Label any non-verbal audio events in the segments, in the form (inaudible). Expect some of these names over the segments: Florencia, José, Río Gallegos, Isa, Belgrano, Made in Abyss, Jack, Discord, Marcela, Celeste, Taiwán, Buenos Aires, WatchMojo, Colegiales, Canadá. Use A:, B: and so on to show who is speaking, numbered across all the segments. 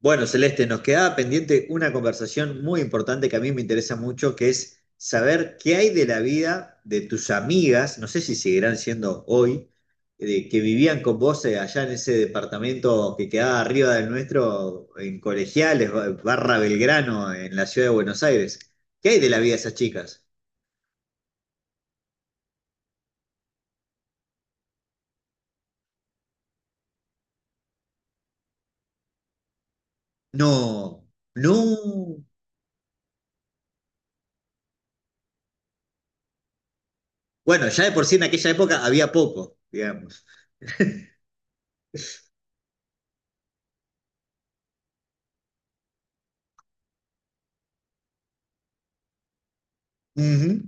A: Bueno, Celeste, nos quedaba pendiente una conversación muy importante que a mí me interesa mucho, que es saber qué hay de la vida de tus amigas, no sé si seguirán siendo hoy, que vivían con vos allá en ese departamento que quedaba arriba del nuestro, en Colegiales, barra Belgrano, en la ciudad de Buenos Aires. ¿Qué hay de la vida de esas chicas? No, no. Bueno, ya de por sí en aquella época había poco, digamos. Ujú,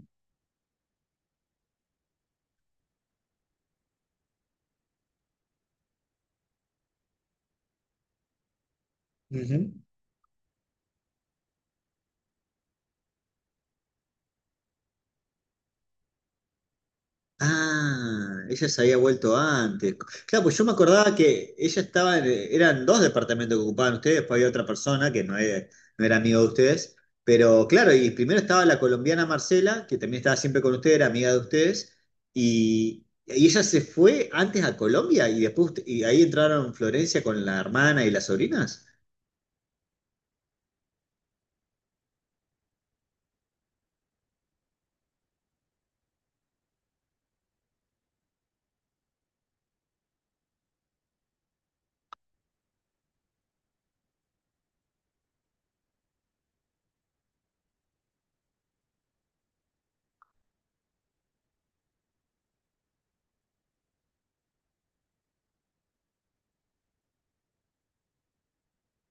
A: ujú. Ah, ella se había vuelto antes. Claro, pues yo me acordaba que ella estaba, eran dos departamentos que ocupaban ustedes, después había otra persona que no era, no era amigo de ustedes. Pero claro, y primero estaba la colombiana Marcela, que también estaba siempre con ustedes, era amiga de ustedes, y ella se fue antes a Colombia y después y ahí entraron Florencia con la hermana y las sobrinas.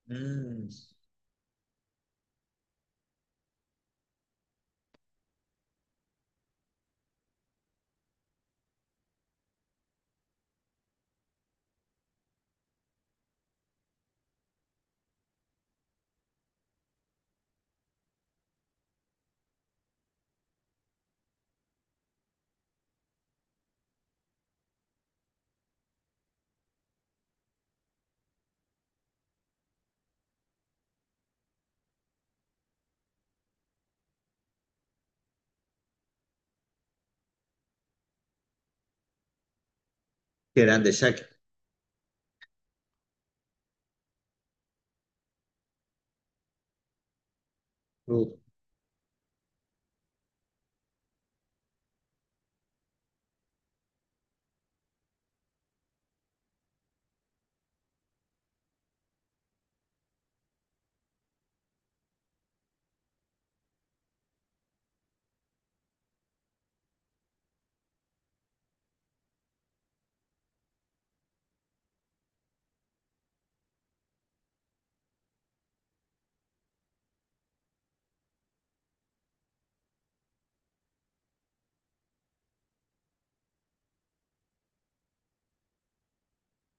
A: Mm, qué grande, Jack.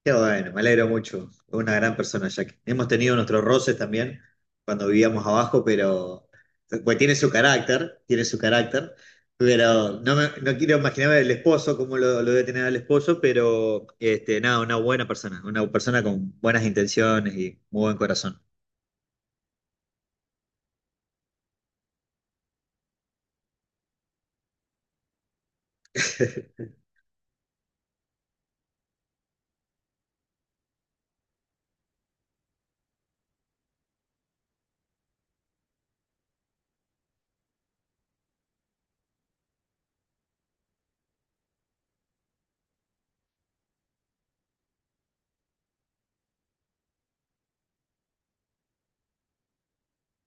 A: Qué bueno, me alegro mucho. Es una gran persona, Jack. Hemos tenido nuestros roces también cuando vivíamos abajo, pero pues tiene su carácter, tiene su carácter. Pero no, no quiero imaginarme el esposo, cómo lo debe tener el esposo, pero este, nada, una buena persona, una persona con buenas intenciones y muy buen corazón.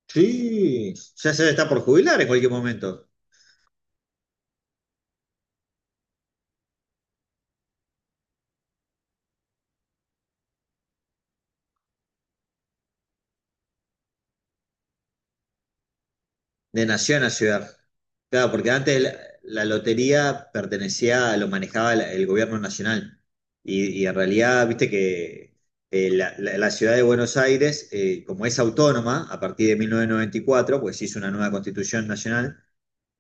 A: Sí, (laughs) ya se está por jubilar en cualquier momento. De nación a ciudad. Claro, porque antes la, la lotería pertenecía, lo manejaba el gobierno nacional. Y en realidad, viste que la, la ciudad de Buenos Aires, como es autónoma a partir de 1994, pues se hizo una nueva constitución nacional,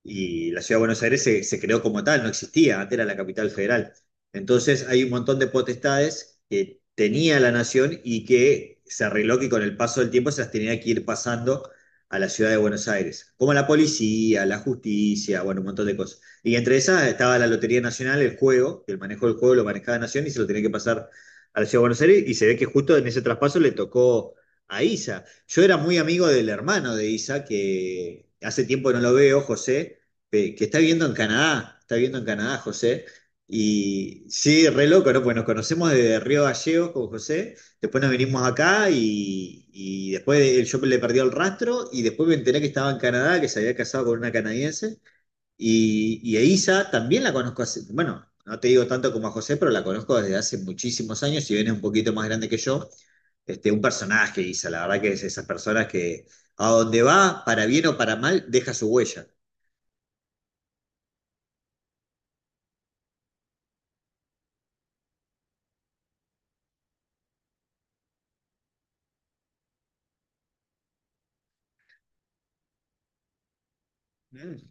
A: y la ciudad de Buenos Aires se, se creó como tal, no existía, antes era la capital federal. Entonces hay un montón de potestades que tenía la nación y que se arregló que con el paso del tiempo se las tenía que ir pasando a la ciudad de Buenos Aires, como la policía, la justicia, bueno, un montón de cosas. Y entre esas estaba la Lotería Nacional, el juego, que el manejo del juego lo manejaba la nación y se lo tenía que pasar a la ciudad de Buenos Aires y se ve que justo en ese traspaso le tocó a ISA. Yo era muy amigo del hermano de Isa, que hace tiempo no lo veo, José, que está viviendo en Canadá, está viviendo en Canadá, José. Y sí, re loco, ¿no? Pues nos conocemos desde Río Gallegos con José, después nos vinimos acá y después yo le perdí el rastro y después me enteré que estaba en Canadá, que se había casado con una canadiense. Y a Isa también la conozco hace, bueno, no te digo tanto como a José, pero la conozco desde hace muchísimos años, si bien es un poquito más grande que yo. Este, un personaje, Isa, la verdad que es esas personas que a donde va, para bien o para mal, deja su huella. Mm.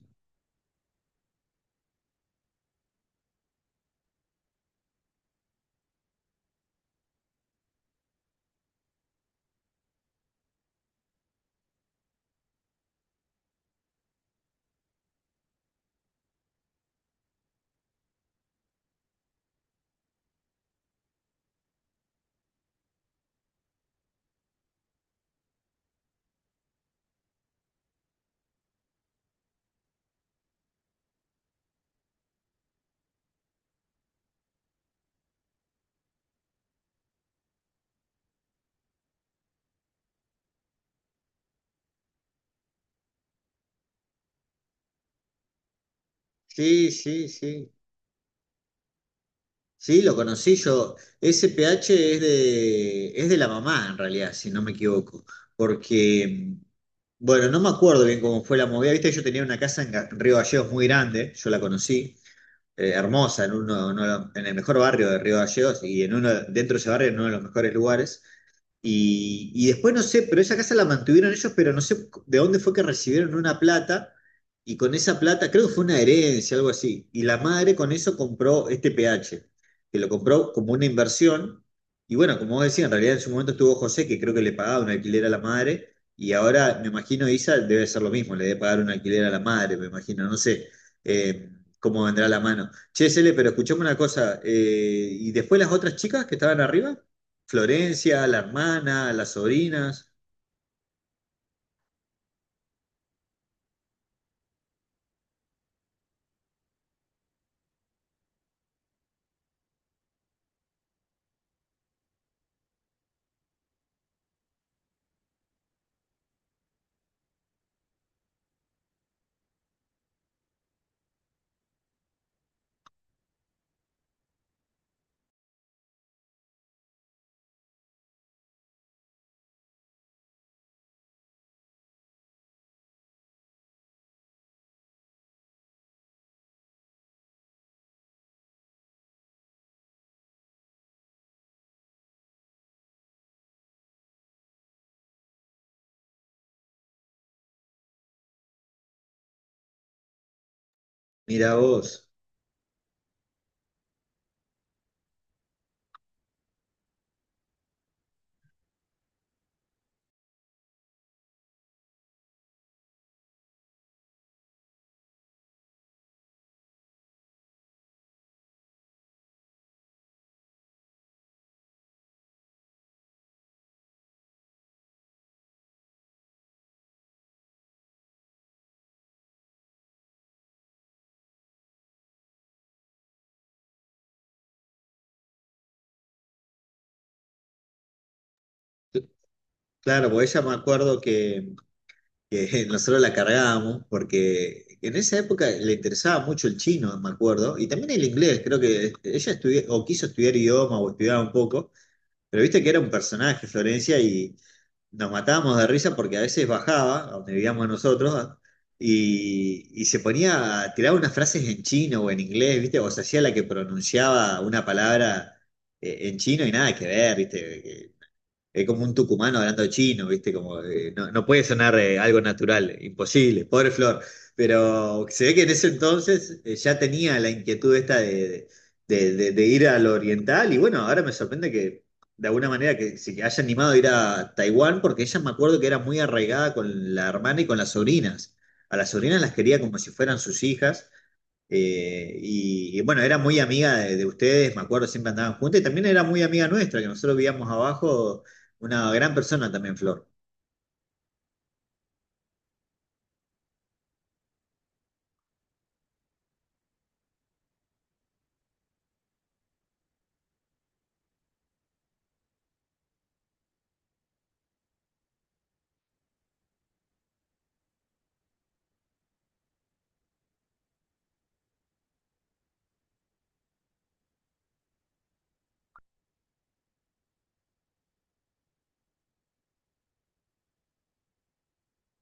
A: Sí, sí, sí. Sí, lo conocí yo. Ese PH es de la mamá, en realidad, si no me equivoco. Porque, bueno, no me acuerdo bien cómo fue la movida. Viste, yo tenía una casa en en Río Gallegos muy grande, yo la conocí. Eh, hermosa, en, uno, uno de en el mejor barrio de Río Gallegos y en uno, dentro de ese barrio en uno de los mejores lugares. Y después no sé, pero esa casa la mantuvieron ellos, pero no sé de dónde fue que recibieron una plata y con esa plata, creo que fue una herencia, algo así, y la madre con eso compró este PH, que lo compró como una inversión, y bueno, como vos decías, en realidad en su momento estuvo José, que creo que le pagaba un alquiler a la madre, y ahora me imagino Isa debe ser lo mismo, le debe pagar un alquiler a la madre, me imagino, no sé eh, cómo vendrá la mano. Che, Cele, pero escuchame una cosa, ¿y después las otras chicas que estaban arriba? Florencia, la hermana, las sobrinas. Mira vos. Claro, pues ella me acuerdo que (laughs) nosotros la cargábamos porque en esa época le interesaba mucho el chino, me acuerdo, y también el inglés, creo que ella estudió o quiso estudiar idioma o estudiaba un poco, pero viste que era un personaje Florencia y, nos matábamos de risa porque a veces bajaba, a donde vivíamos nosotros, ¿ah? Y se ponía a tirar unas frases en chino o en inglés, ¿viste? O se hacía la que pronunciaba una palabra en chino y nada que ver, ¿viste? Es como un tucumano hablando chino, ¿viste? Como, no, no puede sonar algo natural, imposible, pobre Flor. Pero se ve que en ese entonces ya tenía la inquietud esta de, de ir a lo oriental y bueno, ahora me sorprende que de alguna manera que se haya animado a ir a Taiwán porque ella me acuerdo que era muy arraigada con la hermana y con las sobrinas. A las sobrinas las quería como si fueran sus hijas. Y bueno, era muy amiga de ustedes, me acuerdo, siempre andaban juntas y también era muy amiga nuestra, que nosotros vivíamos abajo una gran persona también, Flor.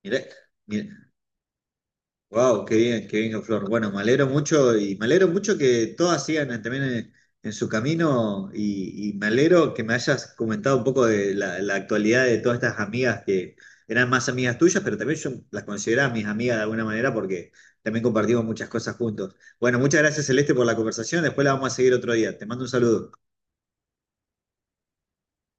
A: Mirá, wow, qué bien, Flor. Bueno, me alegro mucho y me alegro mucho que todas sigan también en su camino y me alegro que me hayas comentado un poco de la, la actualidad de todas estas amigas que eran más amigas tuyas, pero también yo las consideraba mis amigas de alguna manera porque también compartimos muchas cosas juntos. Bueno, muchas gracias, Celeste, por la conversación. Después la vamos a seguir otro día. Te mando un saludo.